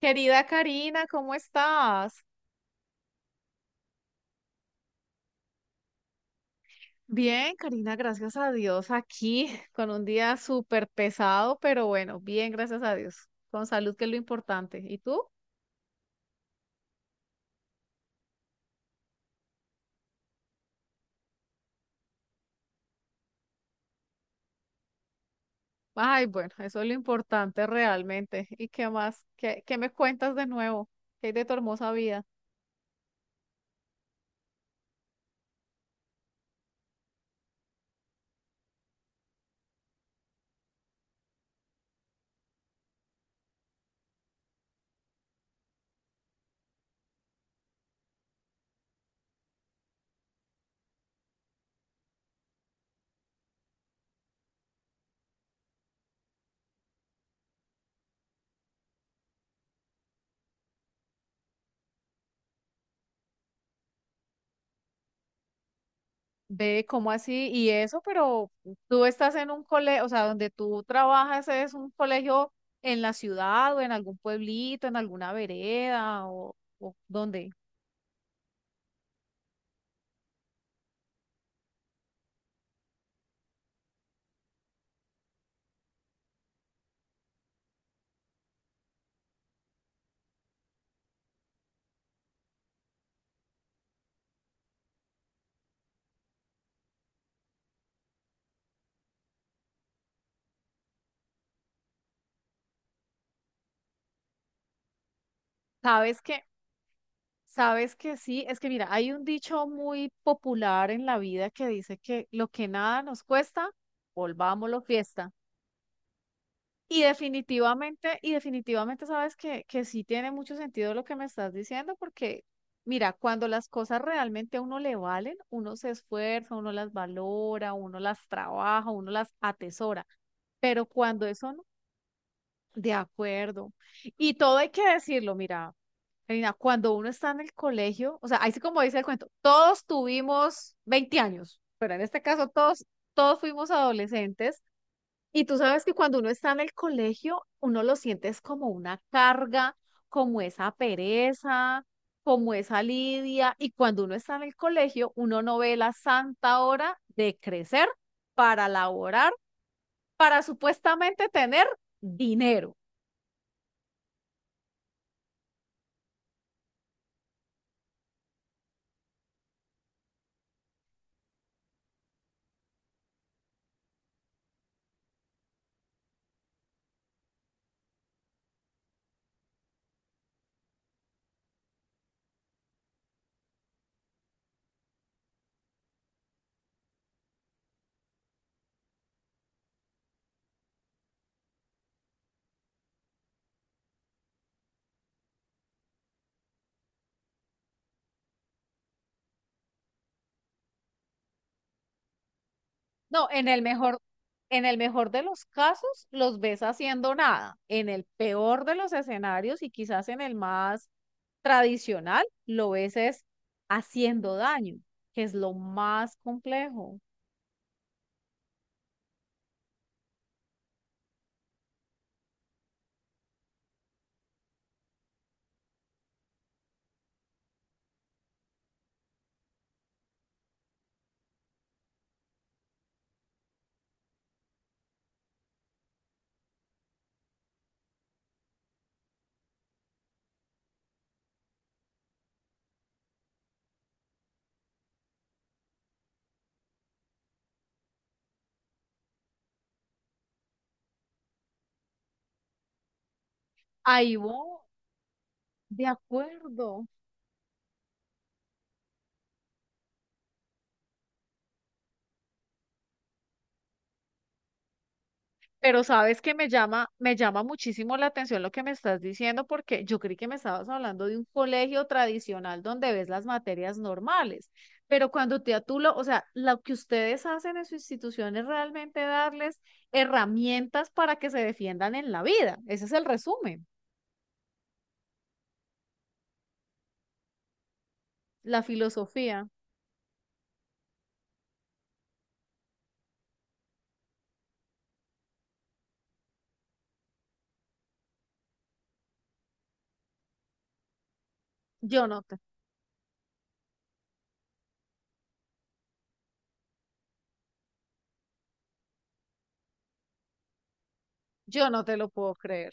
Querida Karina, ¿cómo estás? Bien, Karina, gracias a Dios, aquí con un día súper pesado, pero bueno, bien, gracias a Dios, con salud que es lo importante. ¿Y tú? Ay, bueno, eso es lo importante realmente. ¿Y qué más? ¿¿Qué me cuentas de nuevo? ¿Qué hay de tu hermosa vida? Ve, ¿cómo así? Y eso, pero tú estás en un colegio, o sea, donde tú trabajas es un colegio en la ciudad o en algún pueblito, en alguna vereda o dónde. ¿Sabes qué? Sabes que sí, es que mira, hay un dicho muy popular en la vida que dice que lo que nada nos cuesta, volvámoslo fiesta. Y definitivamente sabes que sí tiene mucho sentido lo que me estás diciendo, porque mira, cuando las cosas realmente a uno le valen, uno se esfuerza, uno las valora, uno las trabaja, uno las atesora. Pero cuando eso de acuerdo. Y todo hay que decirlo, mira, Karina, cuando uno está en el colegio, o sea, ahí sí como dice el cuento, todos tuvimos 20 años, pero en este caso todos, todos fuimos adolescentes. Y tú sabes que cuando uno está en el colegio, uno lo sientes como una carga, como esa pereza, como esa lidia. Y cuando uno está en el colegio, uno no ve la santa hora de crecer para laborar, para supuestamente tener dinero. No, en el mejor, En el mejor de los casos los ves haciendo nada. En el peor de los escenarios y quizás en el más tradicional, lo ves es haciendo daño, que es lo más complejo. Ahí voy, de acuerdo. Pero sabes que me llama muchísimo la atención lo que me estás diciendo, porque yo creí que me estabas hablando de un colegio tradicional donde ves las materias normales. Pero cuando te atulo, o sea, lo que ustedes hacen en su institución es realmente darles herramientas para que se defiendan en la vida. Ese es el resumen, la filosofía. Yo no te, yo no te lo puedo creer.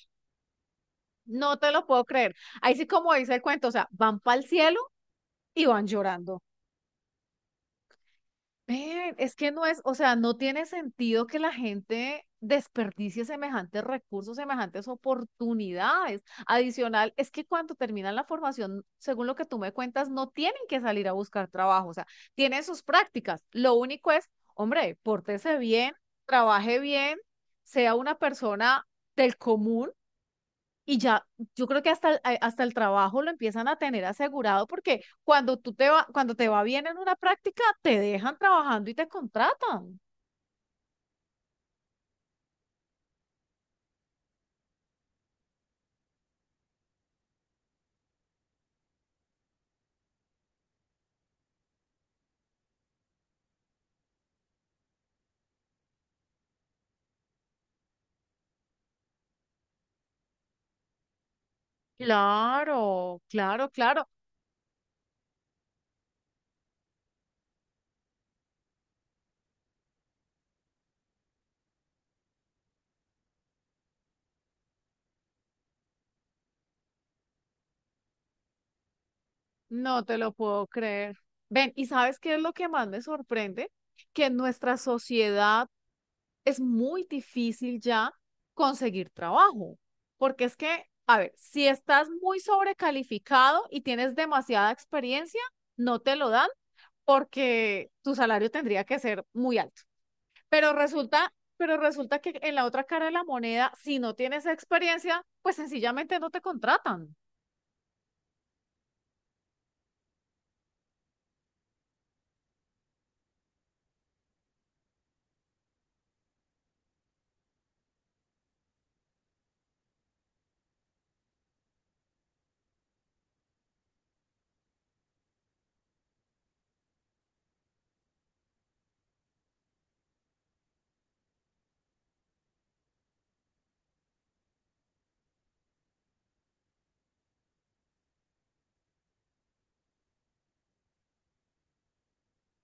No te lo puedo creer. Ahí sí, como dice el cuento, o sea, van para el cielo y van llorando. Ven, es que no es, o sea, no tiene sentido que la gente desperdicie semejantes recursos, semejantes oportunidades. Adicional, es que cuando terminan la formación, según lo que tú me cuentas, no tienen que salir a buscar trabajo, o sea, tienen sus prácticas. Lo único es, hombre, pórtese bien, trabaje bien, sea una persona del común y ya, yo creo que hasta el trabajo lo empiezan a tener asegurado porque cuando te va bien en una práctica, te dejan trabajando y te contratan. Claro, claro, claro. No te lo puedo creer. Ven, ¿y sabes qué es lo que más me sorprende? Que en nuestra sociedad es muy difícil ya conseguir trabajo. Porque es que, a ver, si estás muy sobrecalificado y tienes demasiada experiencia, no te lo dan porque tu salario tendría que ser muy alto. Pero resulta que en la otra cara de la moneda, si no tienes experiencia, pues sencillamente no te contratan.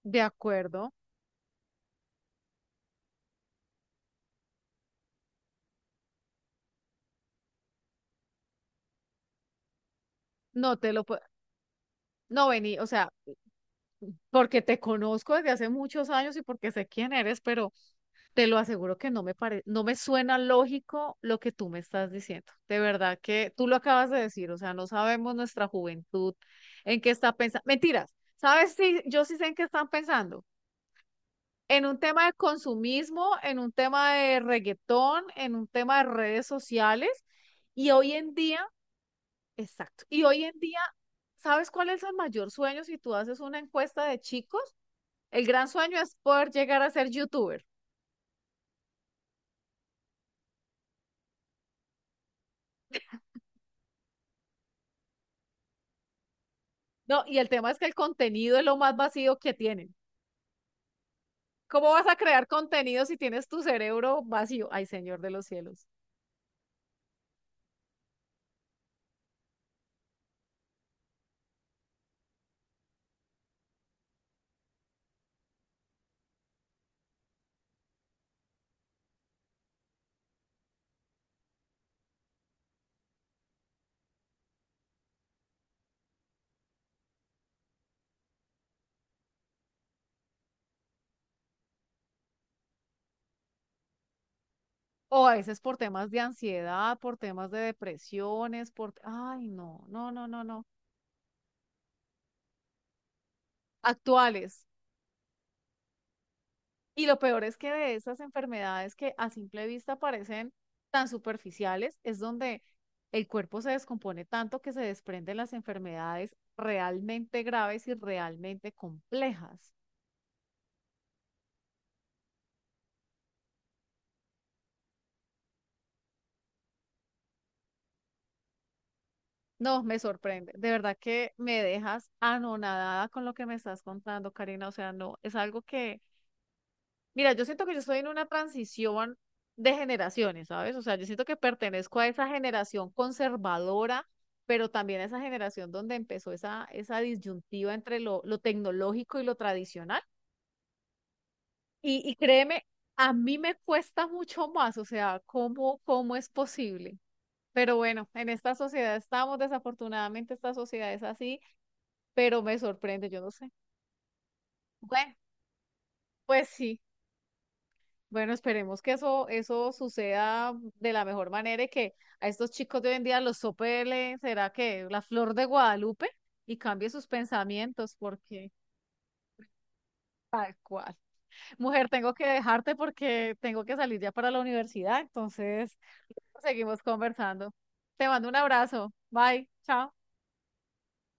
De acuerdo, no te lo puedo, no vení, o sea, porque te conozco desde hace muchos años y porque sé quién eres, pero te lo aseguro que no me suena lógico lo que tú me estás diciendo. De verdad que tú lo acabas de decir, o sea, no sabemos nuestra juventud en qué está pensando. Mentiras, ¿sabes si yo sí sé en qué están pensando? En un tema de consumismo, en un tema de reggaetón, en un tema de redes sociales. Y hoy en día, exacto, y hoy en día, ¿sabes cuál es el mayor sueño si tú haces una encuesta de chicos? El gran sueño es poder llegar a ser youtuber. No, y el tema es que el contenido es lo más vacío que tienen. ¿Cómo vas a crear contenido si tienes tu cerebro vacío? Ay, Señor de los cielos. O a veces por temas de ansiedad, por temas de depresiones, por... Ay, no, no, no, no, no. Actuales, y lo peor es que de esas enfermedades que a simple vista parecen tan superficiales, es donde el cuerpo se descompone tanto que se desprenden las enfermedades realmente graves y realmente complejas. No, me sorprende. De verdad que me dejas anonadada con lo que me estás contando, Karina. O sea, no, es algo que mira, yo siento que yo estoy en una transición de generaciones, ¿sabes? O sea, yo siento que pertenezco a esa generación conservadora, pero también a esa generación donde empezó esa disyuntiva entre lo tecnológico y lo tradicional. Y créeme, a mí me cuesta mucho más, o sea, ¿¿cómo es posible? Pero bueno, en esta sociedad estamos, desafortunadamente esta sociedad es así, pero me sorprende, yo no sé. Bueno, pues sí. Bueno, esperemos que eso suceda de la mejor manera y que a estos chicos de hoy en día será que la flor de Guadalupe y cambie sus pensamientos, porque tal cual. Mujer, tengo que dejarte porque tengo que salir ya para la universidad, entonces seguimos conversando. Te mando un abrazo. Bye, chao.